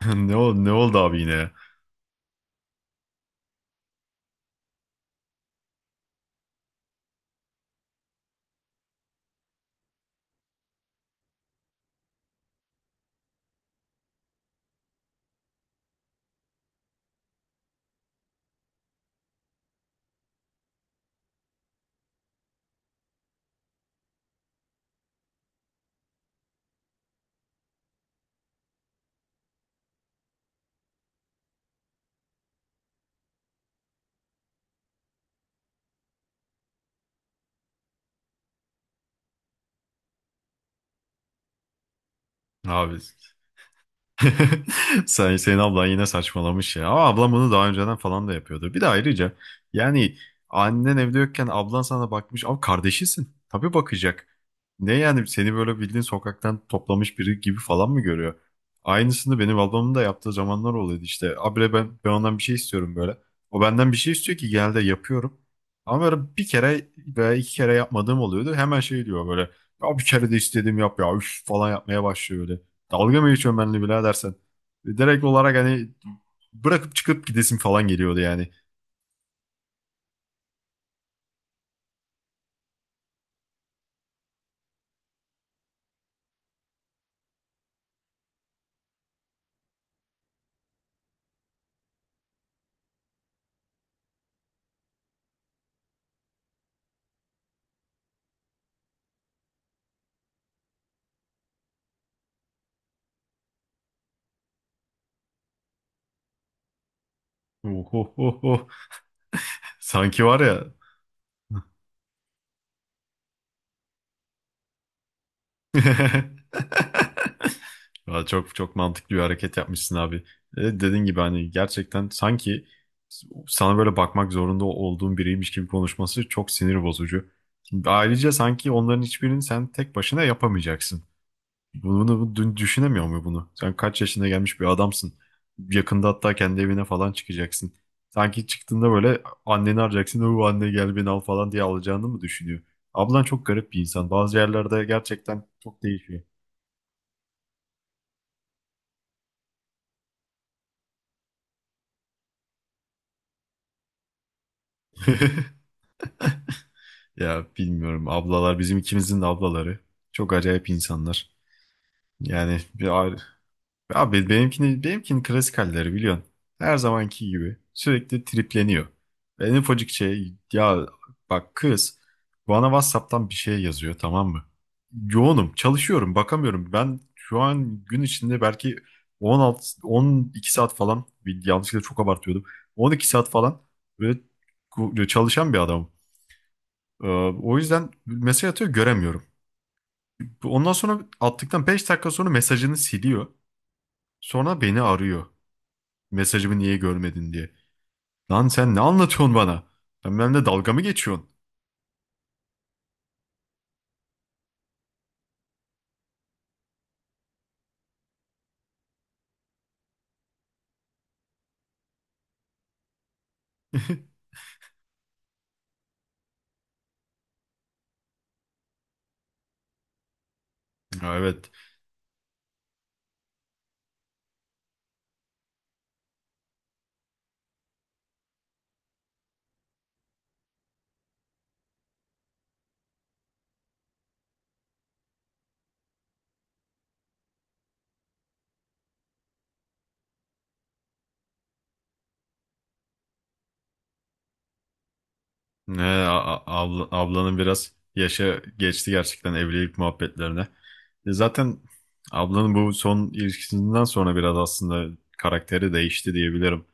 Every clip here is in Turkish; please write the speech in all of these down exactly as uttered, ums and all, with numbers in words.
Ne oldu, ne oldu abi yine ya? Abi Sen, senin ablan yine saçmalamış ya. Ama ablam bunu daha önceden falan da yapıyordu. Bir de ayrıca yani annen evde yokken ablan sana bakmış. Abi kardeşisin. Tabii bakacak. Ne yani seni böyle bildiğin sokaktan toplamış biri gibi falan mı görüyor? Aynısını benim ablamın da yaptığı zamanlar oluyordu işte. Abire ben, ben ondan bir şey istiyorum böyle. O benden bir şey istiyor ki genelde yapıyorum. Ama böyle bir kere veya iki kere yapmadığım oluyordu. Hemen şey diyor böyle. Ya bir kere de istedim yap ya üf falan yapmaya başlıyor. Dalga mı geçiyorsun benimle birader sen? E, Direkt olarak hani bırakıp çıkıp gidesim falan geliyordu yani. Oh, oh, oh, oh. Sanki var ya. Valla çok çok mantıklı bir hareket yapmışsın abi. E, dediğin gibi hani gerçekten sanki sana böyle bakmak zorunda olduğun biriymiş gibi konuşması çok sinir bozucu. Ayrıca sanki onların hiçbirini sen tek başına yapamayacaksın. Bunu, bu- dün düşünemiyor mu bunu? Sen kaç yaşına gelmiş bir adamsın. Yakında hatta kendi evine falan çıkacaksın. Sanki çıktığında böyle anneni arayacaksın. O anne gel beni al falan diye alacağını mı düşünüyor? Ablan çok garip bir insan. Bazı yerlerde gerçekten çok değişiyor. Ya bilmiyorum ablalar bizim ikimizin de ablaları. Çok acayip insanlar. Yani bir ar- abi benimkini benimkinin klasik halleri biliyorsun. Her zamanki gibi sürekli tripleniyor. En ufacık şey ya bak kız bana WhatsApp'tan bir şey yazıyor tamam mı? Yoğunum, çalışıyorum, bakamıyorum. Ben şu an gün içinde belki on altı on iki saat falan, bir yanlışlıkla çok abartıyordum. on iki saat falan böyle ku- çalışan bir adamım. Ee, O yüzden mesaj atıyor göremiyorum. Bu- Ondan sonra attıktan beş dakika sonra mesajını siliyor. Sonra beni arıyor. Mesajımı niye görmedin diye. Lan sen ne anlatıyorsun bana? Sen benimle dalga mı geçiyorsun? Ha, evet. Ne, a- a- abla- Ablanın biraz yaşı geçti gerçekten evlilik muhabbetlerine. E, zaten ablanın bu son ilişkisinden sonra biraz aslında karakteri değişti diyebilirim.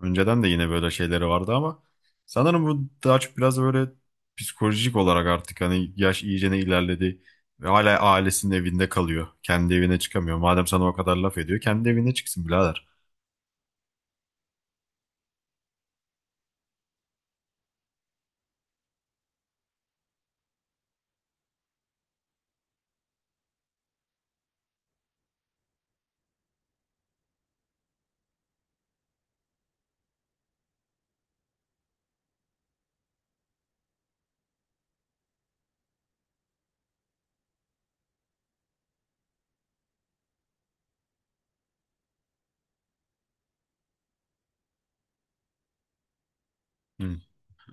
Önceden de yine böyle şeyleri vardı ama sanırım bu daha çok biraz böyle psikolojik olarak artık hani yaş iyicene ilerledi ve hala ailesinin evinde kalıyor. Kendi evine çıkamıyor. Madem sana o kadar laf ediyor, kendi evine çıksın birader. Hı,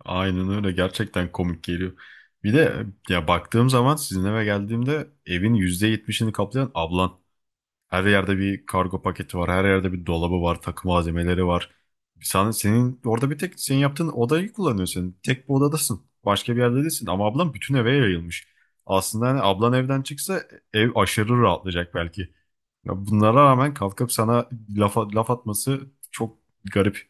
aynen öyle, gerçekten komik geliyor. Bir de ya baktığım zaman sizin eve geldiğimde evin yüzde yetmişini kaplayan ablan. Her yerde bir kargo paketi var. Her yerde bir dolabı var. Takım malzemeleri var. Sen, senin orada bir tek senin yaptığın odayı kullanıyorsun. Tek bir odadasın. Başka bir yerde değilsin. Ama ablan bütün eve yayılmış. Aslında hani ablan evden çıksa ev aşırı rahatlayacak belki. Ya bunlara rağmen kalkıp sana laf, laf atması çok garip.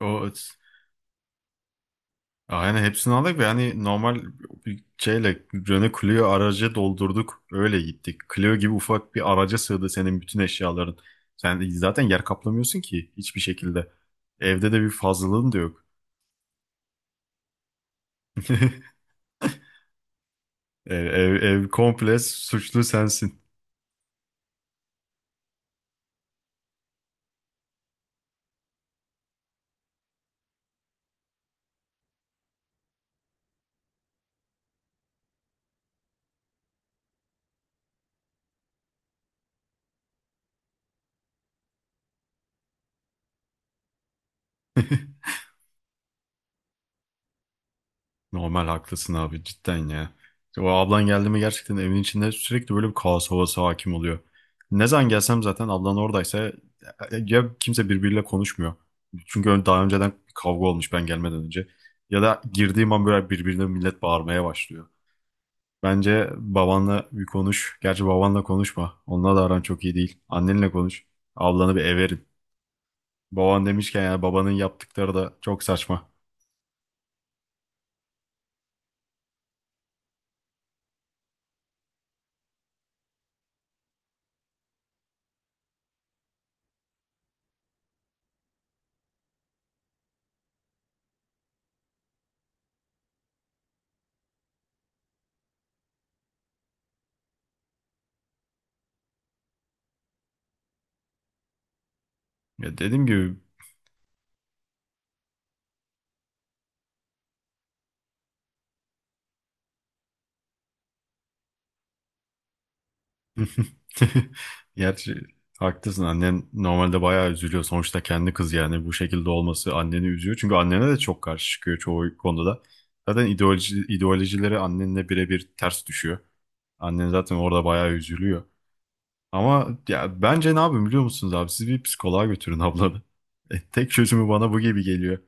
O, aynen hepsini aldık ve hani normal bir şeyle Renault Clio aracı doldurduk. Öyle gittik. Clio gibi ufak bir araca sığdı senin bütün eşyaların. Sen zaten yer kaplamıyorsun ki hiçbir şekilde. Evde de bir fazlalığın da yok. Ev, ev, ev komple suçlu sensin. Normal haklısın abi cidden ya. İşte o ablan geldi mi gerçekten evin içinde sürekli böyle bir kaos havası hakim oluyor. Ne zaman gelsem zaten ablan oradaysa ya kimse birbiriyle konuşmuyor. Çünkü ön- daha önceden kavga olmuş ben gelmeden önce. Ya da girdiğim an böyle birbirine millet bağırmaya başlıyor. Bence babanla bir konuş. Gerçi babanla konuşma. Onunla da aran çok iyi değil. Annenle konuş. Ablanı bir eve. Baban demişken yani babanın yaptıkları da çok saçma. Ya dediğim gibi gerçi haklısın, annen normalde bayağı üzülüyor. Sonuçta kendi kız yani bu şekilde olması anneni üzüyor. Çünkü annene de çok karşı çıkıyor çoğu konuda da. Zaten ideoloji, ideolojileri annenle birebir ters düşüyor. Annen zaten orada bayağı üzülüyor. Ama ya bence ne yapın biliyor musunuz abi? Siz bir psikoloğa götürün ablanı. E, tek çözümü bana bu gibi geliyor.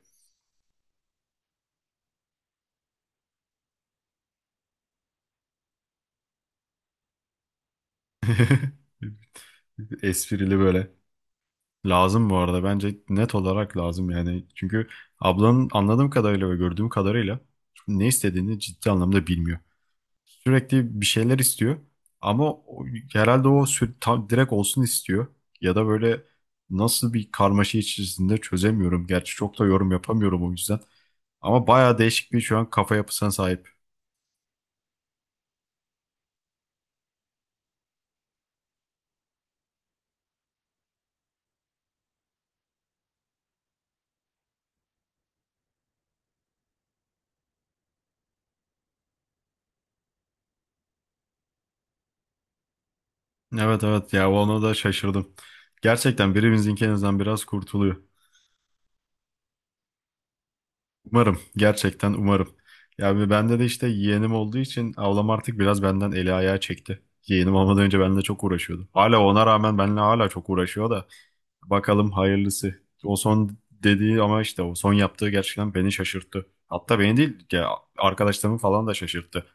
Esprili böyle. Lazım bu arada. Bence net olarak lazım yani. Çünkü ablanın anladığım kadarıyla ve gördüğüm kadarıyla ne istediğini ciddi anlamda bilmiyor. Sürekli bir şeyler istiyor. Ama o- herhalde o sü- tam direkt olsun istiyor. Ya da böyle nasıl bir karmaşa içerisinde çözemiyorum. Gerçi çok da yorum yapamıyorum o yüzden. Ama bayağı değişik bir şu an kafa yapısına sahip. Evet evet ya ona da şaşırdım. Gerçekten birimizinkinden biraz kurtuluyor. Umarım. Gerçekten umarım. Ya bir bende de işte yeğenim olduğu için ablam artık biraz benden eli ayağı çekti. Yeğenim olmadan önce benimle çok uğraşıyordu. Hala ona rağmen benimle hala çok uğraşıyor da bakalım hayırlısı. O son dediği ama işte o son yaptığı gerçekten beni şaşırttı. Hatta beni değil ya arkadaşlarımı falan da şaşırttı.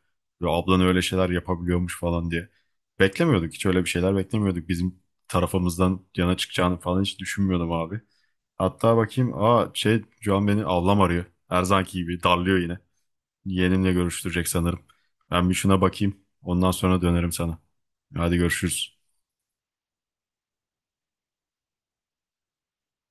Ya ablan öyle şeyler yapabiliyormuş falan diye. Beklemiyorduk, hiç öyle bir şeyler beklemiyorduk. Bizim tarafımızdan yana çıkacağını falan hiç düşünmüyordum abi. Hatta bakayım. Aa şey şu an beni ablam arıyor. Her zamanki gibi darlıyor yine. Yeğenimle görüştürecek sanırım. Ben bir şuna bakayım. Ondan sonra dönerim sana. Hadi görüşürüz.